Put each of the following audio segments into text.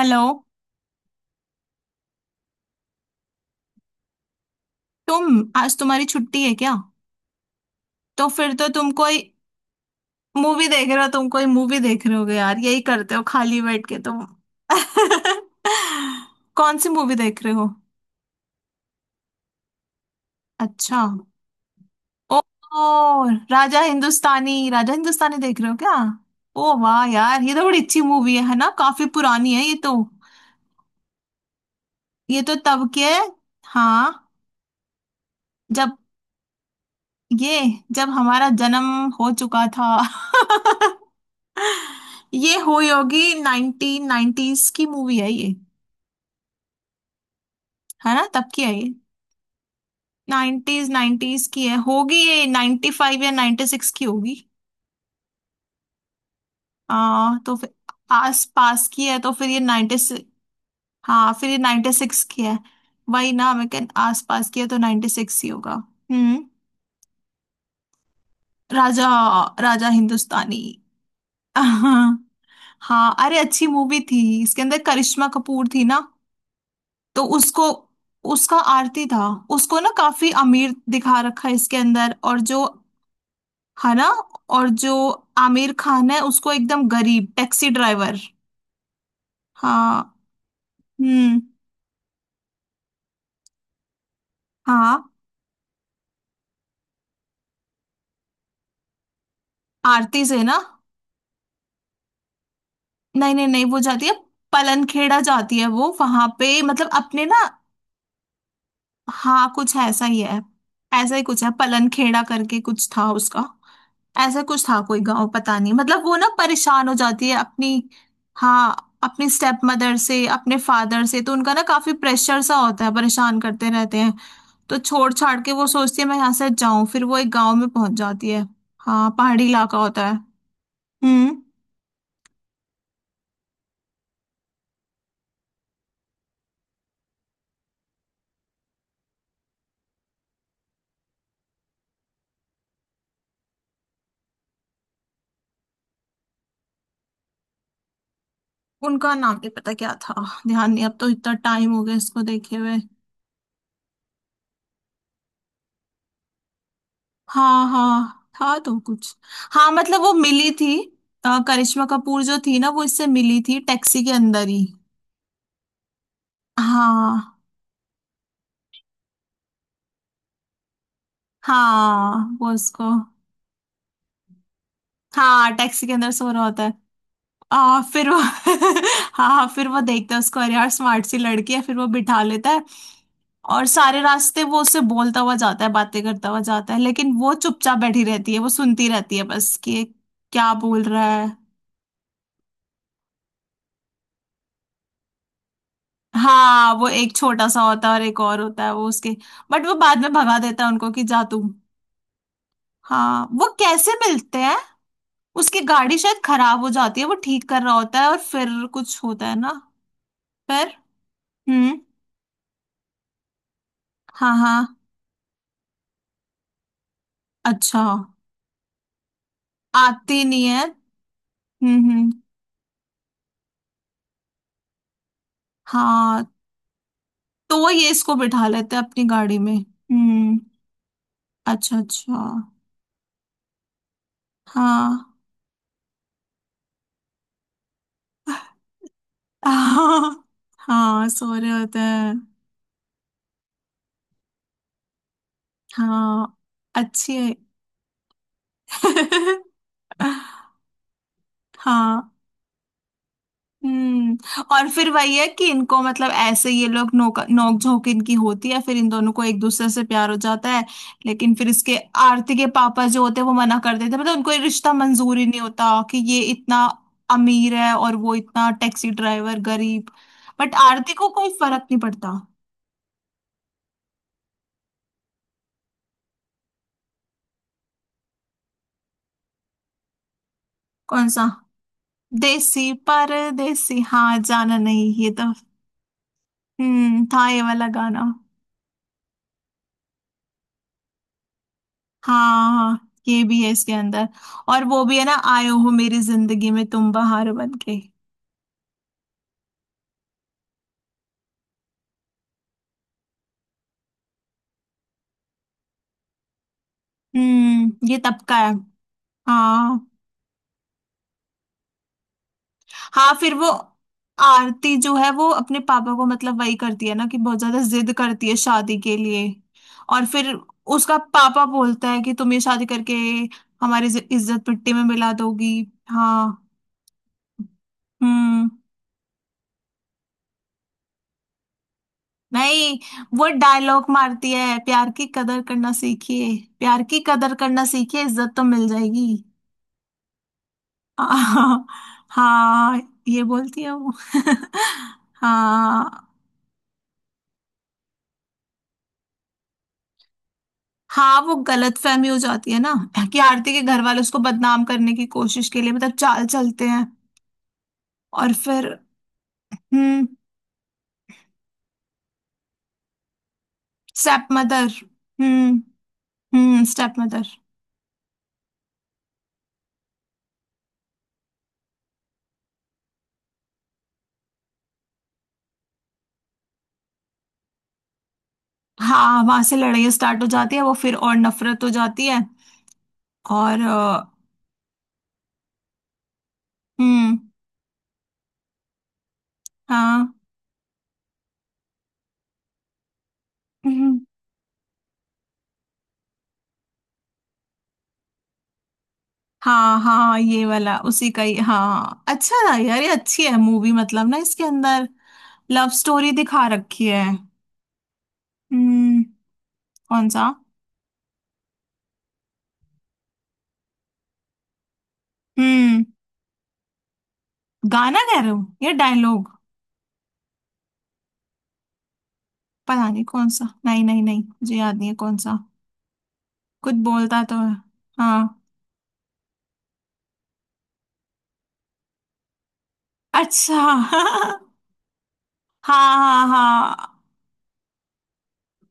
Hello. तुम आज तुम्हारी छुट्टी है क्या? तो फिर तो तुम कोई मूवी देख रहे होगे यार, यही करते हो खाली बैठ के तुम। कौन सी मूवी देख रहे हो? अच्छा। ओ, ओ राजा हिंदुस्तानी, राजा हिंदुस्तानी देख रहे हो क्या? ओ वाह यार, ये तो बड़ी अच्छी मूवी है ना। काफी पुरानी है ये तो। ये तो तब के, हाँ, जब ये जब हमारा जन्म हो चुका था। ये हुई होगी, नाइनटीन नाइनटीज की मूवी है ये, है ना, तब की है ये। नाइनटीज नाइनटीज की है होगी ये, 95 या 96 की होगी। तो फिर आस पास की है, तो फिर ये नाइन्टी, हाँ फिर ये 96 की है। वही ना, मैं कह, आस पास की है तो 96 ही होगा। हम्म। राजा, राजा हिंदुस्तानी। हाँ, अरे अच्छी मूवी थी, इसके अंदर करिश्मा कपूर थी ना। तो उसको, उसका आरती था। उसको ना काफी अमीर दिखा रखा है इसके अंदर, और जो, है ना, और जो आमिर खान है उसको एकदम गरीब टैक्सी ड्राइवर। हाँ। हम्म। हाँ, आरती से ना। नहीं नहीं नहीं, वो जाती है, पलनखेड़ा जाती है वो, वहां पे मतलब अपने ना। हाँ, कुछ ऐसा ही है, ऐसा ही कुछ है पलनखेड़ा करके कुछ था उसका। ऐसा कुछ था, कोई गांव पता नहीं, मतलब वो ना परेशान हो जाती है अपनी, हाँ अपनी स्टेप मदर से, अपने फादर से, तो उनका ना काफी प्रेशर सा होता है, परेशान करते रहते हैं। तो छोड़ छाड़ के वो सोचती है मैं यहाँ से जाऊं, फिर वो एक गांव में पहुंच जाती है। हाँ, पहाड़ी इलाका होता है। हम्म। उनका नाम नहीं पता क्या था, ध्यान नहीं, अब तो इतना टाइम हो गया इसको देखे हुए। हाँ हाँ, था तो कुछ। हाँ मतलब वो मिली थी। करिश्मा कपूर जो थी ना, वो इससे मिली थी टैक्सी के अंदर ही। हाँ। हाँ वो उसको, हाँ टैक्सी के अंदर सो रहा होता है। फिर वो हाँ हाँ, फिर वो देखता है उसको, अरे यार स्मार्ट सी लड़की है, फिर वो बिठा लेता है। और सारे रास्ते वो उससे बोलता हुआ जाता है, बातें करता हुआ जाता है, लेकिन वो चुपचाप बैठी रहती है, वो सुनती रहती है, बस कि ये क्या बोल रहा है। हाँ वो एक छोटा सा होता है और एक और होता है, वो उसके, बट वो बाद में भगा देता है उनको, कि जा तू। हाँ, वो कैसे मिलते हैं, उसकी गाड़ी शायद खराब हो जाती है, वो ठीक कर रहा होता है, और फिर कुछ होता है ना। फिर, हम्म। हाँ हाँ। अच्छा। आती नहीं है। हम्म। हाँ, तो ये इसको बिठा लेते हैं अपनी गाड़ी में। हम्म। अच्छा अच्छा। हाँ। हाँ। हाँ सो रहे होते हैं। हाँ अच्छी है। हाँ। हम्म। और फिर वही है कि इनको मतलब, ऐसे ये लोग नोक नोक झोंक इनकी होती है, फिर इन दोनों को एक दूसरे से प्यार हो जाता है। लेकिन फिर इसके, आरती के पापा जो होते हैं वो मना कर देते हैं, मतलब उनको ये रिश्ता मंजूर ही नहीं होता कि ये इतना अमीर है और वो इतना टैक्सी ड्राइवर गरीब। बट आरती को कोई फर्क नहीं पड़ता। कौन सा? देसी परदेसी, हाँ जाना नहीं, ये तो। हम्म, था ये वाला गाना। हाँ हाँ, ये भी है इसके अंदर। और वो भी है ना, आयो हो मेरी जिंदगी में तुम बहार बन के। हम्म, ये तब का है। हाँ। हाँ फिर वो, आरती जो है वो अपने पापा को, मतलब वही करती है ना कि बहुत ज्यादा जिद करती है शादी के लिए। और फिर उसका पापा बोलता है कि तुम ये शादी करके हमारी इज्जत, इज्जत मिट्टी में मिला दोगी। हाँ। हम्म। नहीं, वो डायलॉग मारती है, प्यार की कदर करना सीखिए, प्यार की कदर करना सीखिए, इज्जत तो मिल जाएगी। हाँ हाँ, ये बोलती है वो। हाँ। हाँ वो गलत फहमी हो जाती है ना, कि आरती के घर वाले उसको बदनाम करने की कोशिश के लिए मतलब चाल चलते हैं। और फिर, हम्म। Step mother. हम्म हम्म, स्टेप मदर। हाँ, वहां से लड़ाई स्टार्ट हो जाती है, वो फिर और नफरत हो जाती है। और हम्म। हाँ। हम्म। हाँ हाँ, ये वाला उसी का ही, हाँ अच्छा था यार ये, अच्छी है मूवी, मतलब ना इसके अंदर लव स्टोरी दिखा रखी है। हम्म। कौन सा? हम्म। गाना कह रहे हो या डायलॉग? पता नहीं कौन सा, नहीं नहीं नहीं, मुझे याद नहीं है कौन सा, कुछ बोलता तो है। हाँ, अच्छा। हाँ हाँ हाँ।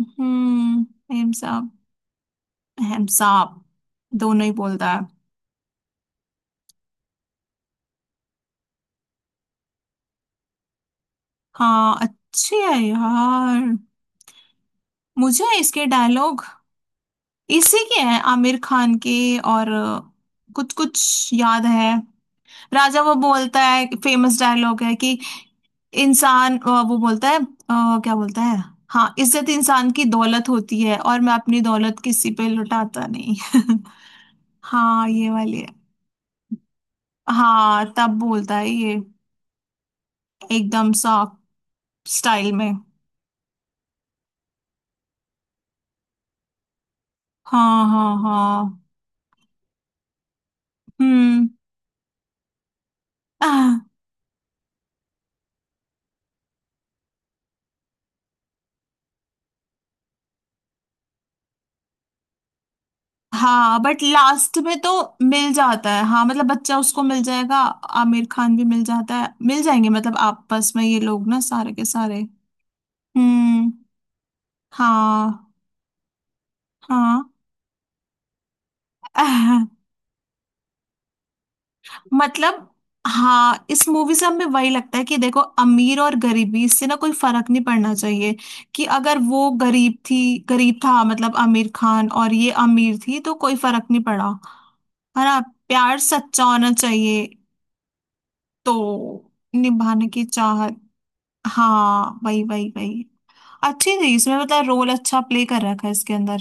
हम्म। हेमसाब, हेमसाब दोनों ही बोलता है। हाँ, अच्छी है यार। मुझे इसके डायलॉग, इसी के हैं आमिर खान के, और कुछ कुछ याद है। राजा वो बोलता है, फेमस डायलॉग है कि, इंसान वो बोलता है, क्या बोलता है। हाँ, इज्जत इंसान की दौलत होती है, और मैं अपनी दौलत किसी पे लुटाता नहीं। हाँ ये वाली है। हाँ, तब बोलता है ये, एकदम सा स्टाइल में। हाँ हाँ हाँ। हम्म। हाँ बट लास्ट में तो मिल जाता है। हाँ मतलब बच्चा उसको मिल जाएगा, आमिर खान भी मिल जाता है, मिल जाएंगे, मतलब आपस में ये लोग ना सारे के सारे। हम्म। हाँ हाँ। मतलब, हाँ, इस मूवी से हमें वही लगता है कि देखो, अमीर और गरीबी, इससे ना कोई फर्क नहीं पड़ना चाहिए, कि अगर वो गरीब थी, गरीब था मतलब आमिर खान, और ये अमीर थी, तो कोई फर्क नहीं पड़ा। है ना, प्यार सच्चा होना चाहिए। तो निभाने की चाहत। हाँ वही वही वही। अच्छी थी इसमें, मतलब रोल अच्छा प्ले कर रखा है इसके अंदर।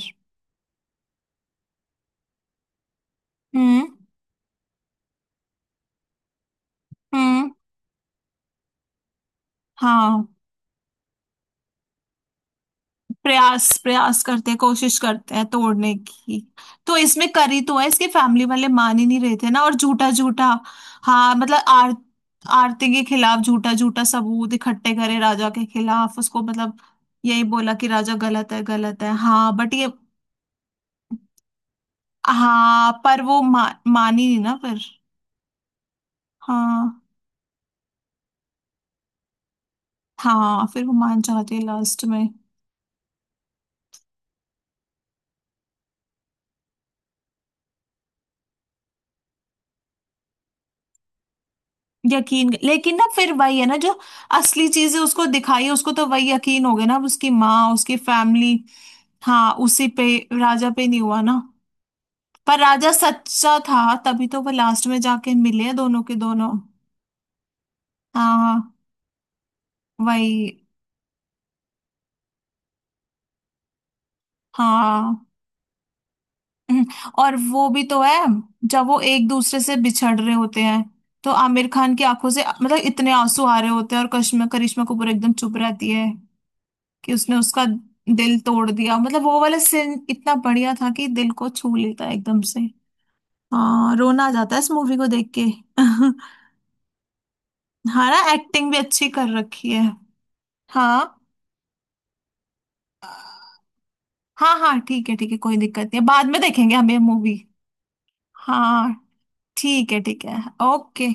हम्म। हम्म। हाँ, प्रयास प्रयास करते हैं, कोशिश करते हैं तोड़ने की। तो इसमें करी तो है, इसकी फैमिली वाले मान ही नहीं रहे थे ना। और झूठा झूठा, हाँ मतलब आर आरती के खिलाफ झूठा झूठा सबूत इकट्ठे करे, राजा के खिलाफ, उसको मतलब यही बोला कि राजा गलत है, गलत है। हाँ बट ये, हाँ पर वो मान ही नहीं ना फिर। हाँ हाँ, फिर वो मान जाती है लास्ट में। यकीन, लेकिन ना फिर वही है ना, जो असली चीज है उसको दिखाई है उसको, तो वही यकीन हो गया ना, अब उसकी माँ, उसकी फैमिली। हाँ, उसी पे, राजा पे नहीं हुआ ना। पर राजा सच्चा था, तभी तो वो लास्ट में जाके मिले हैं, दोनों के दोनों। हाँ वही। हाँ हम्म, और वो भी तो है, जब वो एक दूसरे से बिछड़ रहे होते हैं तो आमिर खान की आंखों से मतलब इतने आंसू आ रहे होते हैं, और करिश्मा करिश्मा कपूर एकदम चुप रहती है, कि उसने उसका दिल तोड़ दिया, मतलब वो वाला सीन इतना बढ़िया था कि दिल को छू लेता है एकदम से। हाँ, रोना आ जाता है इस मूवी को देख के। हाँ ना, एक्टिंग भी अच्छी कर रखी है। हाँ हाँ हाँ, ठीक है ठीक है, कोई दिक्कत नहीं है, बाद में देखेंगे हम ये मूवी। हाँ, ठीक है ठीक है। ओके।